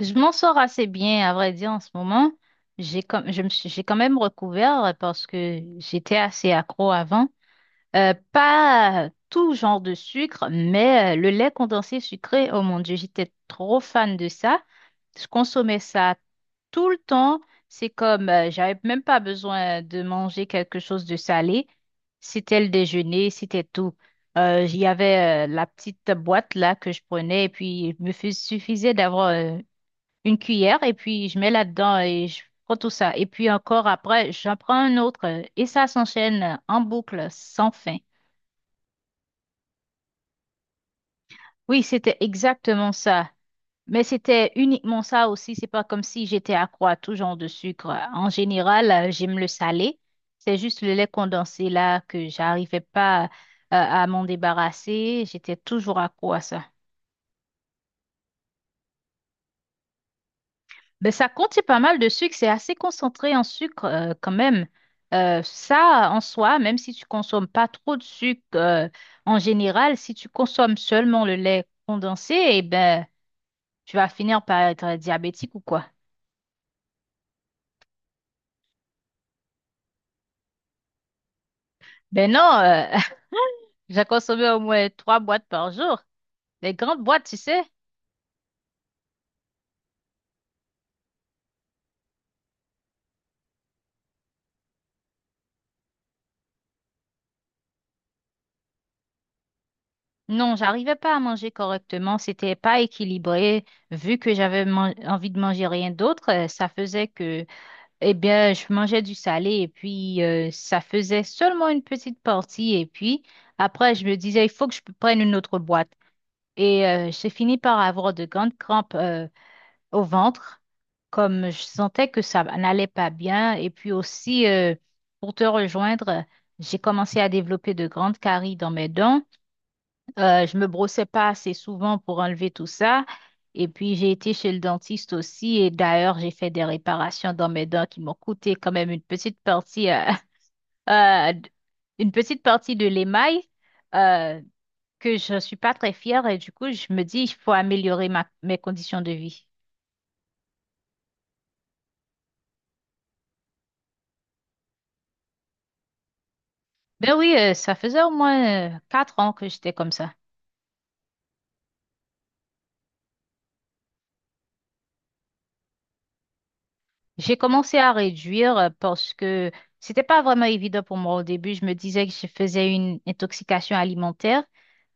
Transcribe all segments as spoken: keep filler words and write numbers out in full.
Je m'en sors assez bien, à vrai dire, en ce moment. J'ai comme, je me suis- j'ai quand même recouvert euh, parce que j'étais assez accro avant. Euh, pas tout genre de sucre, mais euh, le lait condensé sucré, oh mon Dieu, j'étais trop fan de ça. Je consommais ça tout le temps. C'est comme, euh, j'avais même pas besoin de manger quelque chose de salé. C'était le déjeuner, c'était tout. Euh, il y avait euh, la petite boîte là que je prenais et puis il me fais- suffisait d'avoir euh, une cuillère et puis je mets là-dedans et je prends tout ça. Et puis encore après, j'en prends un autre euh, et ça s'enchaîne en boucle sans fin. Oui, c'était exactement ça. Mais c'était uniquement ça aussi. C'est pas comme si j'étais accro à tout genre de sucre. En général, euh, j'aime le salé. C'est juste le lait condensé là que j'arrivais pas euh, à m'en débarrasser. J'étais toujours accro à ça. Ben, ça contient pas mal de sucre, c'est assez concentré en sucre euh, quand même. Euh, ça, en soi, même si tu consommes pas trop de sucre euh, en général, si tu consommes seulement le lait condensé, eh ben, tu vas finir par être diabétique ou quoi. Ben non, euh, j'ai consommé au moins trois boîtes par jour. Les grandes boîtes, tu sais. Non, j'arrivais pas à manger correctement, c'était pas équilibré. Vu que j'avais man- envie de manger rien d'autre, euh, ça faisait que eh bien, je mangeais du salé et puis euh, ça faisait seulement une petite partie. Et puis après, je me disais, il faut que je prenne une autre boîte. Et euh, j'ai fini par avoir de grandes crampes euh, au ventre, comme je sentais que ça n'allait pas bien. Et puis aussi, euh, pour te rejoindre, j'ai commencé à développer de grandes caries dans mes dents. Euh, je me brossais pas assez souvent pour enlever tout ça. Et puis, j'ai été chez le dentiste aussi. Et d'ailleurs, j'ai fait des réparations dans mes dents qui m'ont coûté quand même une petite partie, euh, euh, d- une petite partie de l'émail, euh, que je suis pas très fière. Et du coup, je me dis, il faut améliorer ma, mes conditions de vie. Ben oui, euh, ça faisait au moins euh, quatre ans que j'étais comme ça. J'ai commencé à réduire euh, parce que c'était pas vraiment évident pour moi au début. Je me disais que je faisais une intoxication alimentaire,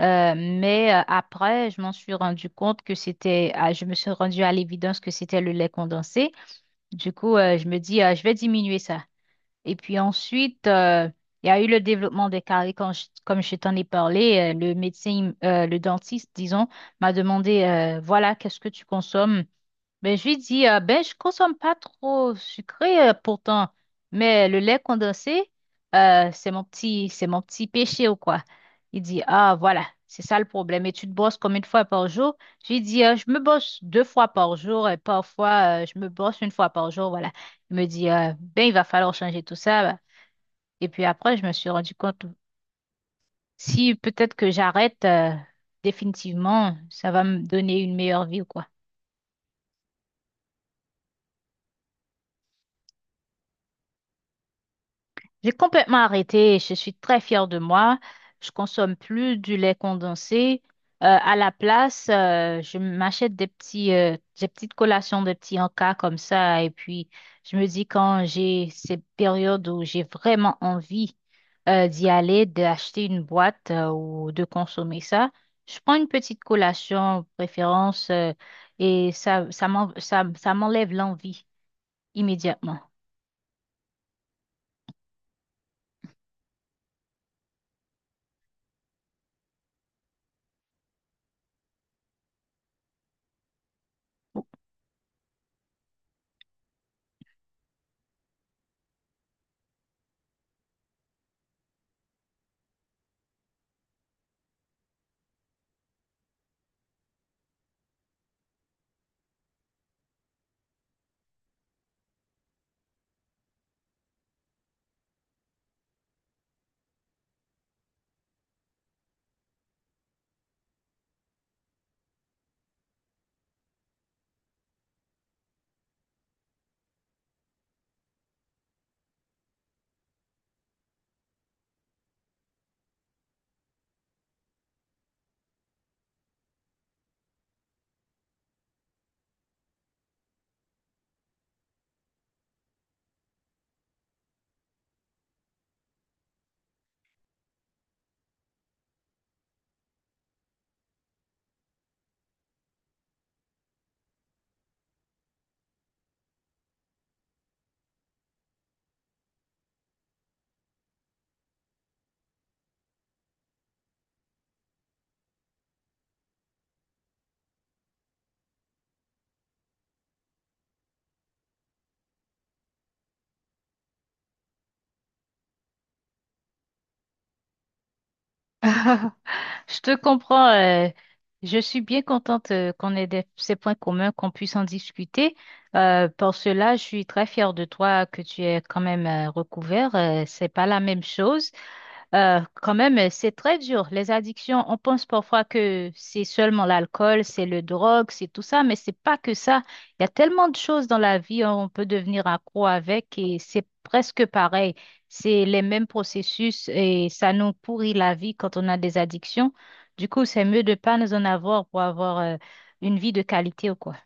euh, mais euh, après, je m'en suis rendu compte que c'était, ah, je me suis rendu à l'évidence que c'était le lait condensé. Du coup, euh, je me dis, euh, je vais diminuer ça. Et puis ensuite, euh, il y a eu le développement des caries quand je- comme je t'en ai parlé. Euh, le médecin, il m- euh, le dentiste, disons, m'a demandé, euh, voilà, qu'est-ce que tu consommes? Ben, je lui dis, euh, ben, je consomme pas trop sucré euh, pourtant, mais le lait condensé, euh, c'est mon petit, c'est mon petit péché ou quoi. Il dit, ah, voilà, c'est ça le problème. Et tu te brosses combien de fois par jour? Je lui dis, euh, je me brosse deux fois par jour et parfois, euh, je me brosse une fois par jour, voilà. Il me dit, euh, ben, il va falloir changer tout ça. Bah. Et puis après, je me suis rendu compte, si peut-être que j'arrête, euh, définitivement, ça va me donner une meilleure vie ou quoi. J'ai complètement arrêté. Je suis très fière de moi. Je consomme plus du lait condensé. Euh, à la place, euh, je m'achète des petits, euh, des petites collations, des petits encas comme ça. Et puis, je me dis quand j'ai ces périodes où j'ai vraiment envie, euh, d'y aller, d'acheter une boîte, euh, ou de consommer ça, je prends une petite collation, préférence, euh, et ça, ça m'en- ça- ça m'enlève l'envie immédiatement. Je te comprends. Euh, je suis bien contente euh, qu'on ait des- ces points communs, qu'on puisse en discuter. Euh, pour cela, je suis très fière de toi que tu aies quand même euh, recouvert. Euh, c'est pas la même chose. Euh, quand même, euh, c'est très dur. Les addictions, on pense parfois que c'est seulement l'alcool, c'est le drogue, c'est tout ça, mais c'est pas que ça. Il y a tellement de choses dans la vie, hein, on peut devenir accro avec et c'est presque pareil. C'est les mêmes processus et ça nous pourrit la vie quand on a des addictions. Du coup, c'est mieux de pas nous en avoir pour avoir euh, une vie de qualité ou quoi.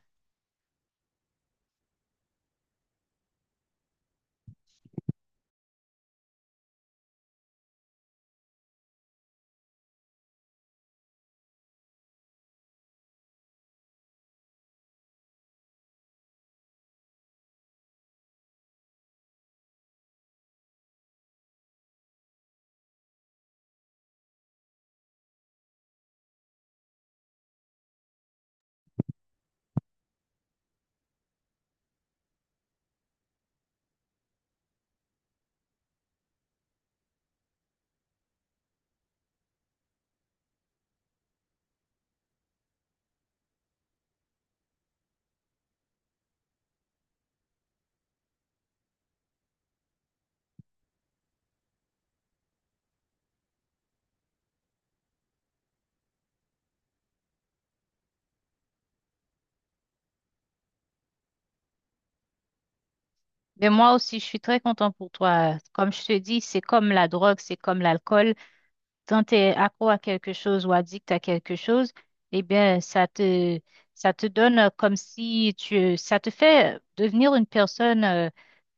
Mais moi aussi, je suis très contente pour toi. Comme je te dis, c'est comme la drogue, c'est comme l'alcool. Quand tu es accro à quelque chose ou addict à quelque chose, eh bien, ça te, ça te donne euh, comme si tu, ça te fait devenir une personne euh,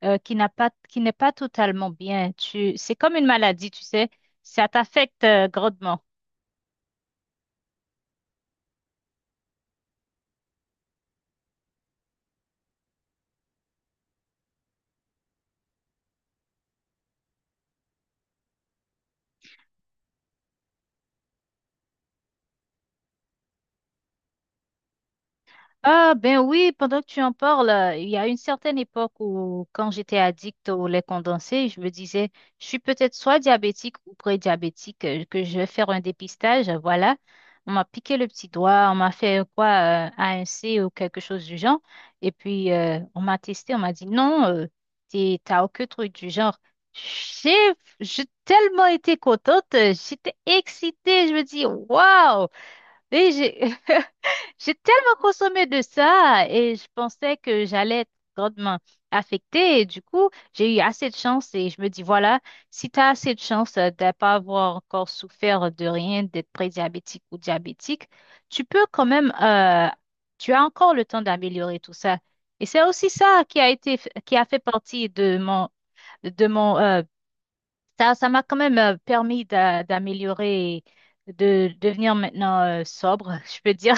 euh, qui n'a pas, qui n'est pas totalement bien. Tu, c'est comme une maladie, tu sais, ça t'affecte euh, grandement. Ah ben oui, pendant que tu en parles, euh, il y a une certaine époque où quand j'étais addict au lait condensé, je me disais, je suis peut-être soit diabétique ou pré-diabétique, euh, que je vais faire un dépistage, euh, voilà. On m'a piqué le petit doigt, on m'a fait euh, quoi, euh, A un c ou quelque chose du genre. Et puis, euh, on m'a testé, on m'a dit, non, euh, t'es- t'as aucun truc du genre. J'ai j'ai tellement été contente, euh, j'étais excitée, je me dis, waouh! Et j'ai j'ai tellement consommé de ça et je pensais que j'allais être grandement affectée. Et du coup, j'ai eu assez de chance et je me dis, voilà, si tu as assez de chance euh, de ne pas avoir encore souffert de rien, d'être prédiabétique ou diabétique, tu peux quand même, euh, tu as encore le temps d'améliorer tout ça. Et c'est aussi ça qui a été, qui a fait partie de mon, de mon, euh, ça, ça m'a quand même euh, permis d'a- d'améliorer, de devenir maintenant, euh, sobre, je peux dire.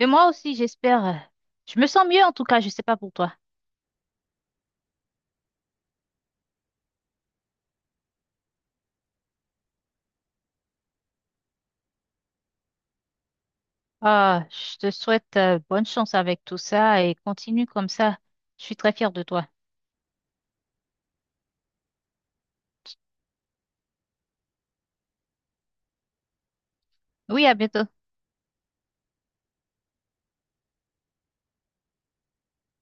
Mais moi aussi, j'espère. euh, Je me sens mieux en tout cas, je sais pas pour toi. Ah, je te souhaite euh, bonne chance avec tout ça et continue comme ça. Je suis très fière de toi. Oui, à bientôt.